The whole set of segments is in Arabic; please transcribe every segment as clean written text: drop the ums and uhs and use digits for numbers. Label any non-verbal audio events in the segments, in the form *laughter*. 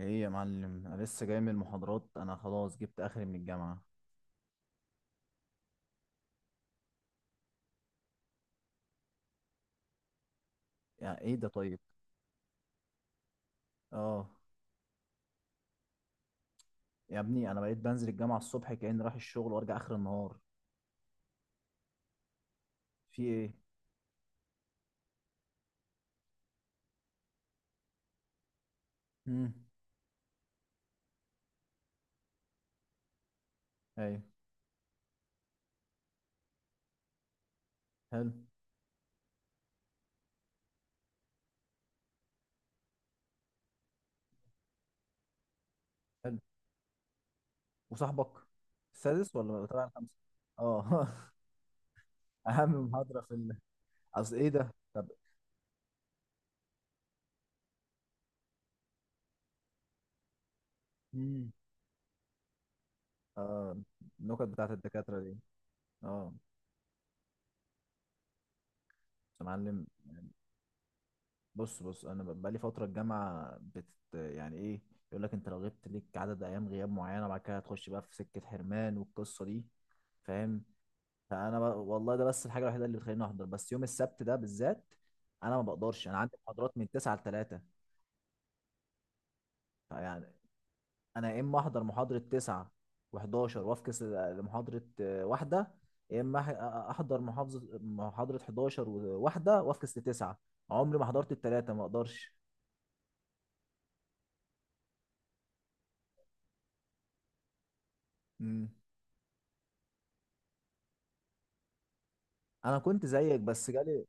ايه يا معلم، انا لسه جاي من المحاضرات. انا خلاص جبت اخري من الجامعه. يعني ايه ده؟ طيب. اه. يا ابني انا بقيت بنزل الجامعه الصبح كاني رايح الشغل وارجع اخر النهار. في ايه؟ امم ايوه. حلو. حلو. وصاحبك السادس ولا طبعا الخامس؟ اه. *laughs* اهم محاضره في ال... اصل ايه ده؟ طب. امم. النكت بتاعت الدكاتره دي. اه. بس يا معلم، بص بص، انا بقالي فتره الجامعه يعني ايه، يقول لك انت لو غبت ليك عدد ايام غياب معينه بعد كده هتخش بقى في سكه حرمان والقصه دي، فاهم؟ والله ده بس الحاجه الوحيده اللي بتخليني احضر، بس يوم السبت ده بالذات انا ما بقدرش، انا عندي محاضرات من 9 ل 3، فيعني انا يا اما احضر محاضره 9 و11 وافكس لمحاضره واحده، يا اما احضر محاضره 11 وواحده وافكس لتسعه. عمري ما حضرت الثلاثه، ما اقدرش. انا كنت زيك بس جالي.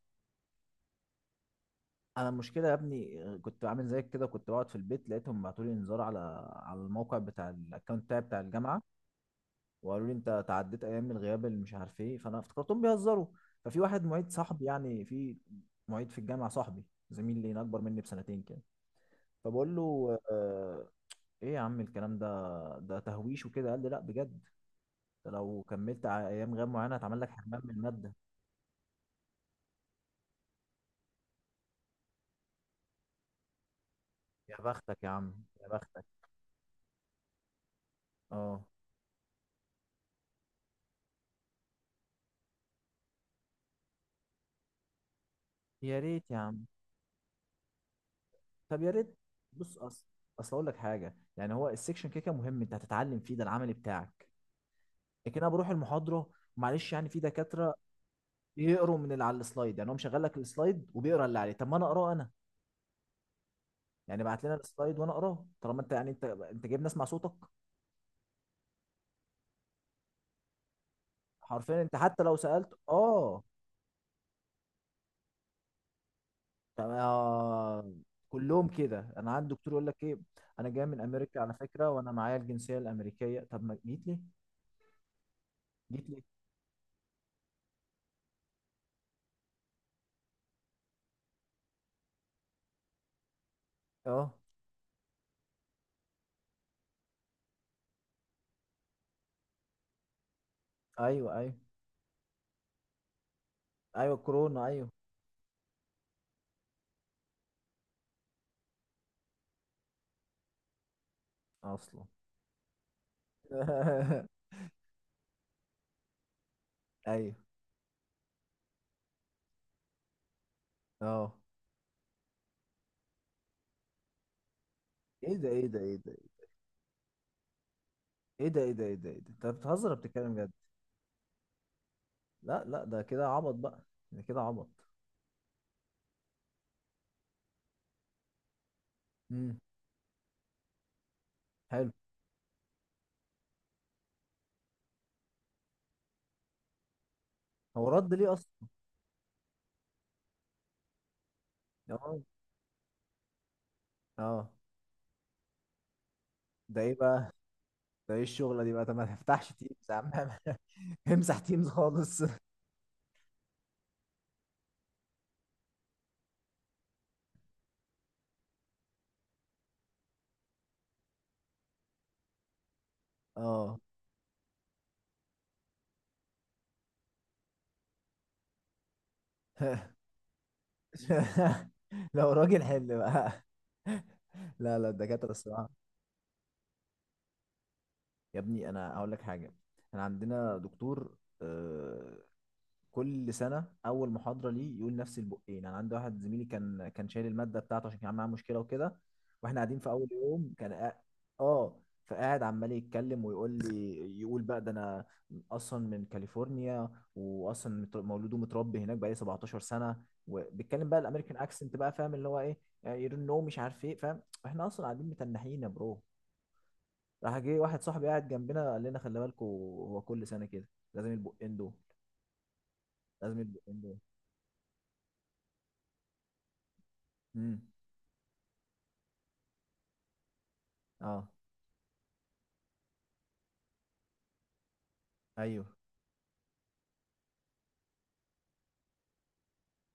انا المشكله يا ابني كنت عامل زيك كده، كنت بقعد في البيت، لقيتهم بعتوا لي انذار على على الموقع بتاع الاكونت بتاعي بتاع الجامعه، وقالوا لي انت تعديت ايام الغياب اللي مش عارف ايه، فانا افتكرتهم بيهزروا. ففي واحد معيد صاحبي يعني، في معيد في الجامعه صاحبي، زميل لي اكبر مني بسنتين كده، فبقول له آه ايه يا عم الكلام ده، ده تهويش وكده. قال لي لا بجد، ده لو كملت ايام غياب معينه هتعمل لك حرمان من الماده. يا بختك يا عم. يا بختك. اه. يا ريت يا عم، طب يا ريت. بص، اصل اصل اقول لك حاجه، يعني هو السكشن كده كده مهم، انت هتتعلم فيه، ده العملي بتاعك. لكن انا بروح المحاضره، معلش، يعني في دكاتره يقروا من اللي على السلايد، يعني هو مشغل لك السلايد وبيقرا اللي عليه، طب ما انا اقراه انا يعني، بعت لنا السلايد وانا اقراه، طالما انت يعني انت جايب ناس مع صوتك. حرفيا انت حتى لو سالت اه. طب آه كلهم كده. انا عندي دكتور يقول لك ايه، انا جاي من امريكا على فكره، وانا معايا الجنسيه الامريكيه، طب ما جيت ليه؟ جيت ليه؟ اه. ايوه ايوه. ايوه كورونا ايوه. اصلا. *laughs* ايوه. اه. ايه ده، ايه ده، ايه ده، ايه ده، ايه ده، ايه ده، ايه ده، انت بتهزر ولا بتتكلم جد؟ لا لا، ده كده عبط بقى، ده كده عبط. امم. حلو. هو رد ليه اصلا؟ اه. اه. ده ايه بقى؟ ده ايه الشغله دي بقى؟ طب ما تفتحش تيمز يا عم. *laughs* امسح تيمز خالص. اه. *laughs* لو راجل حل بقى. *laughs* لا لا، الدكاتره الصراحه. يا ابني انا هقول لك حاجه. احنا عندنا دكتور آه، كل سنه اول محاضره ليه يقول نفس البقين. انا عندي واحد زميلي كان شايل الماده بتاعته عشان كان معاه مشكله وكده، واحنا قاعدين في اول يوم اه. فقاعد عمال يتكلم ويقول لي، يقول بقى ده انا اصلا من كاليفورنيا، واصلا مولود ومتربي هناك بقالي 17 سنه، وبيتكلم بقى الامريكان اكسنت بقى، فاهم اللي هو ايه، يرنو مش عارف ايه، فاهم. احنا اصلا قاعدين متنحين يا برو، راح جه واحد صاحبي قاعد جنبنا قال لنا خلي بالكوا، هو كل سنه كده، لازم البقين دول، لازم البقين دول. اه. ايوه.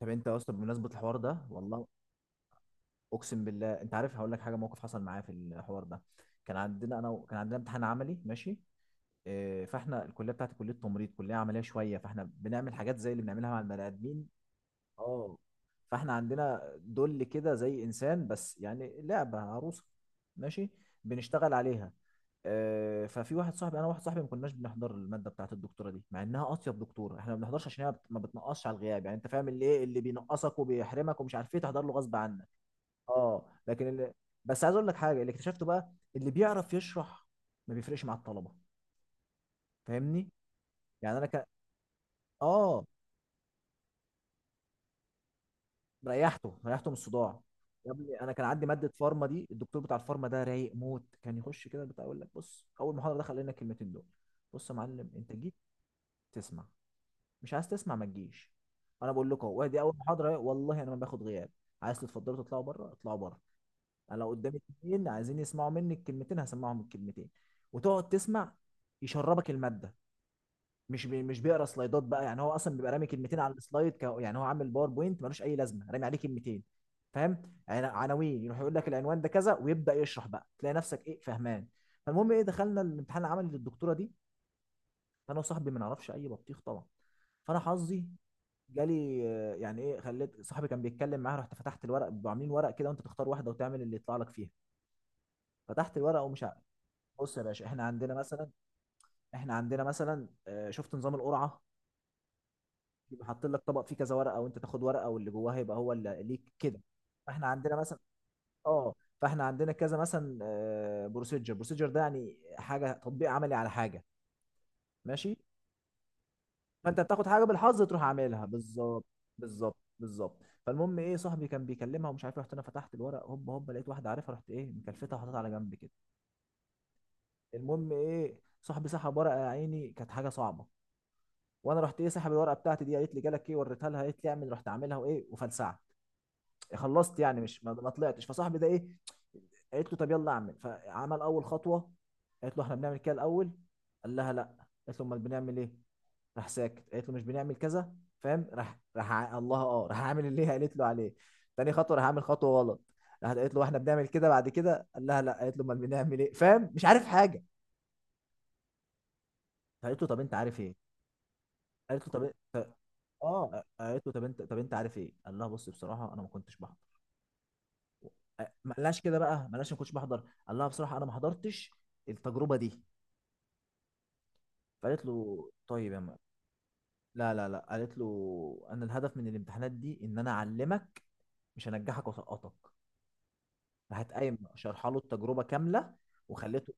طب انت يا اسطى، بمناسبه الحوار ده والله، اقسم بالله، انت عارف، هقول لك حاجه موقف حصل معايا في الحوار ده. كان عندنا كان عندنا امتحان عملي، ماشي. إيه. فاحنا الكليه بتاعتي كليه تمريض، كليه عمليه شويه، فاحنا بنعمل حاجات زي اللي بنعملها مع البني ادمين. اه. فاحنا عندنا دول كده زي انسان، بس يعني لعبه، عروسه، ماشي، بنشتغل عليها. ففي واحد صاحبي، انا واحد صاحبي ما كناش بنحضر الماده بتاعت الدكتوره دي مع انها اطيب دكتوره، احنا ما بنحضرش عشان هي ما بتنقصش على الغياب، يعني انت فاهم، اللي ايه اللي بينقصك وبيحرمك ومش عارف ايه تحضر له غصب عنك. اه. لكن اللي، بس عايز اقول لك حاجه، اللي اكتشفته بقى، اللي بيعرف يشرح ما بيفرقش مع الطلبه، فاهمني؟ يعني انا كان اه، ريحته ريحته من الصداع. يا ابني انا كان عندي ماده فارما، دي الدكتور بتاع الفارما ده رايق موت، كان يخش كده بتاع يقول لك بص، اول محاضره دخل لنا الكلمتين دول، بص يا معلم انت جيت تسمع، مش عايز تسمع ما تجيش، انا بقول لكم اهو دي اول محاضره، والله انا ما باخد غياب، عايز تتفضلوا تطلعوا بره اطلعوا بره، انا لو قدامي اتنين عايزين يسمعوا مني الكلمتين هسمعهم الكلمتين، وتقعد تسمع يشربك الماده، مش بي مش بيقرا سلايدات بقى، يعني هو اصلا بيبقى رامي كلمتين على السلايد. يعني هو عامل باوربوينت ملوش اي لازمه، رامي عليه كلمتين، فاهم، عناوين، يروح يقول لك العنوان ده كذا ويبدا يشرح بقى، تلاقي نفسك ايه، فهمان. فالمهم ايه، دخلنا الامتحان العملي للدكتوره دي، فانا وصاحبي ما نعرفش اي بطيخ طبعا. فانا حظي جالي يعني ايه، خليت صاحبي كان بيتكلم معاها، رحت فتحت الورق، بيبقوا عاملين ورق كده وانت تختار واحده وتعمل اللي يطلع لك فيها. فتحت الورق ومش عارف، بص يا باشا احنا عندنا مثلا، احنا عندنا مثلا شفت نظام القرعه، يبقى حاطين لك طبق فيه كذا ورقه وانت تاخد ورقه واللي جواها يبقى هو اللي ليك كده. فاحنا عندنا مثلا اه، فاحنا عندنا كذا مثلا، بروسيجر، بروسيجر ده يعني حاجه تطبيق عملي على حاجه، ماشي، فانت بتاخد حاجه بالحظ تروح عاملها بالظبط. بالظبط بالظبط. فالمهم ايه، صاحبي كان بيكلمها ومش عارف رحت انا فتحت الورق هوب هوب، لقيت واحده عارفها، رحت ايه مكلفتها وحطيتها على جنب كده. المهم ايه، صاحبي سحب ورقه يا عيني كانت حاجه صعبه، وانا رحت ايه سحب الورقه بتاعتي دي، قالت لي جالك ايه، وريتها لها، قالت لي اعمل، رحت عاملها وايه وفلسعت، خلصت يعني مش ما طلعتش. فصاحبي ده ايه، قالت له طب يلا اعمل، فعمل اول خطوه، قالت له احنا بنعمل كده الاول، قال لها لا، قالت له امال بنعمل ايه، راح ساكت، قالت له مش بنعمل كذا، فاهم، راح راح ع- الله اه راح عامل اللي هي قالت له عليه. تاني خطوه راح عامل خطوه غلط، راحت قالت له احنا بنعمل كده بعد كده، قال لها لا، قالت له امال بنعمل ايه، فاهم، مش عارف حاجه. فقالت له طب انت عارف ايه، قالت له طب إيه؟ اه، قالت له طب انت عارف ايه، قال لها بص بصراحه انا ما كنتش بحضر، ما قالهاش ما كنتش بحضر، قال لها بصراحه انا ما حضرتش التجربه دي. فقالت له لا لا لا، قالت له انا الهدف من الامتحانات دي ان انا اعلمك، مش هنجحك واسقطك. راحت قايم شرح له التجربه كامله، وخليته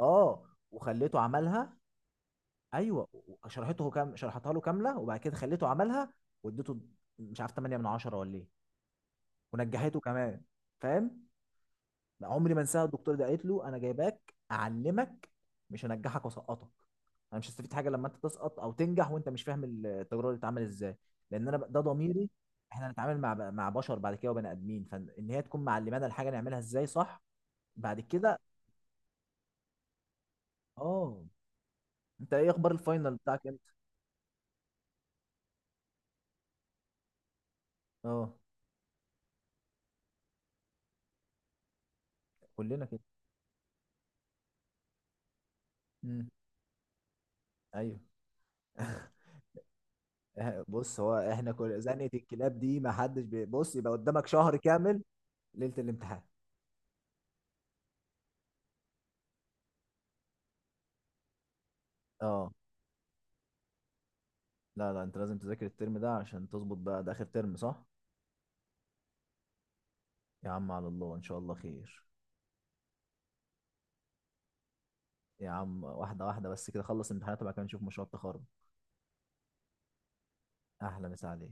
اه، وخليته عملها. ايوه شرحته كام، شرحتها له كامله، وبعد كده خليته عملها، واديته مش عارف 8 من 10 ولا ايه، ونجحته كمان، فاهم. ما عمري ما انساها الدكتور ده، قالت له انا جايباك اعلمك مش هنجحك واسقطك، انا مش هستفيد حاجه لما انت تسقط او تنجح وانت مش فاهم التجربه اللي بتتعمل ازاي، لان ده ضميري، احنا هنتعامل مع بشر بعد كده وبني ادمين، فان هي تكون معلمانا الحاجه نعملها ازاي صح بعد كده. اه. انت ايه اخبار الفاينل بتاعك امتى؟ اه. كلنا كده. امم. ايوه. *laughs* بص هو احنا كل زنقه الكلاب دي، ما حدش بص يبقى قدامك شهر كامل، ليله الامتحان اه. لا لا، انت لازم تذاكر الترم ده عشان تظبط بقى، ده اخر ترم صح؟ يا عم على الله، ان شاء الله خير. يا عم واحده واحده، بس كده خلص امتحانات وبعد كده نشوف مشروع التخرج. احلى مسا عليك.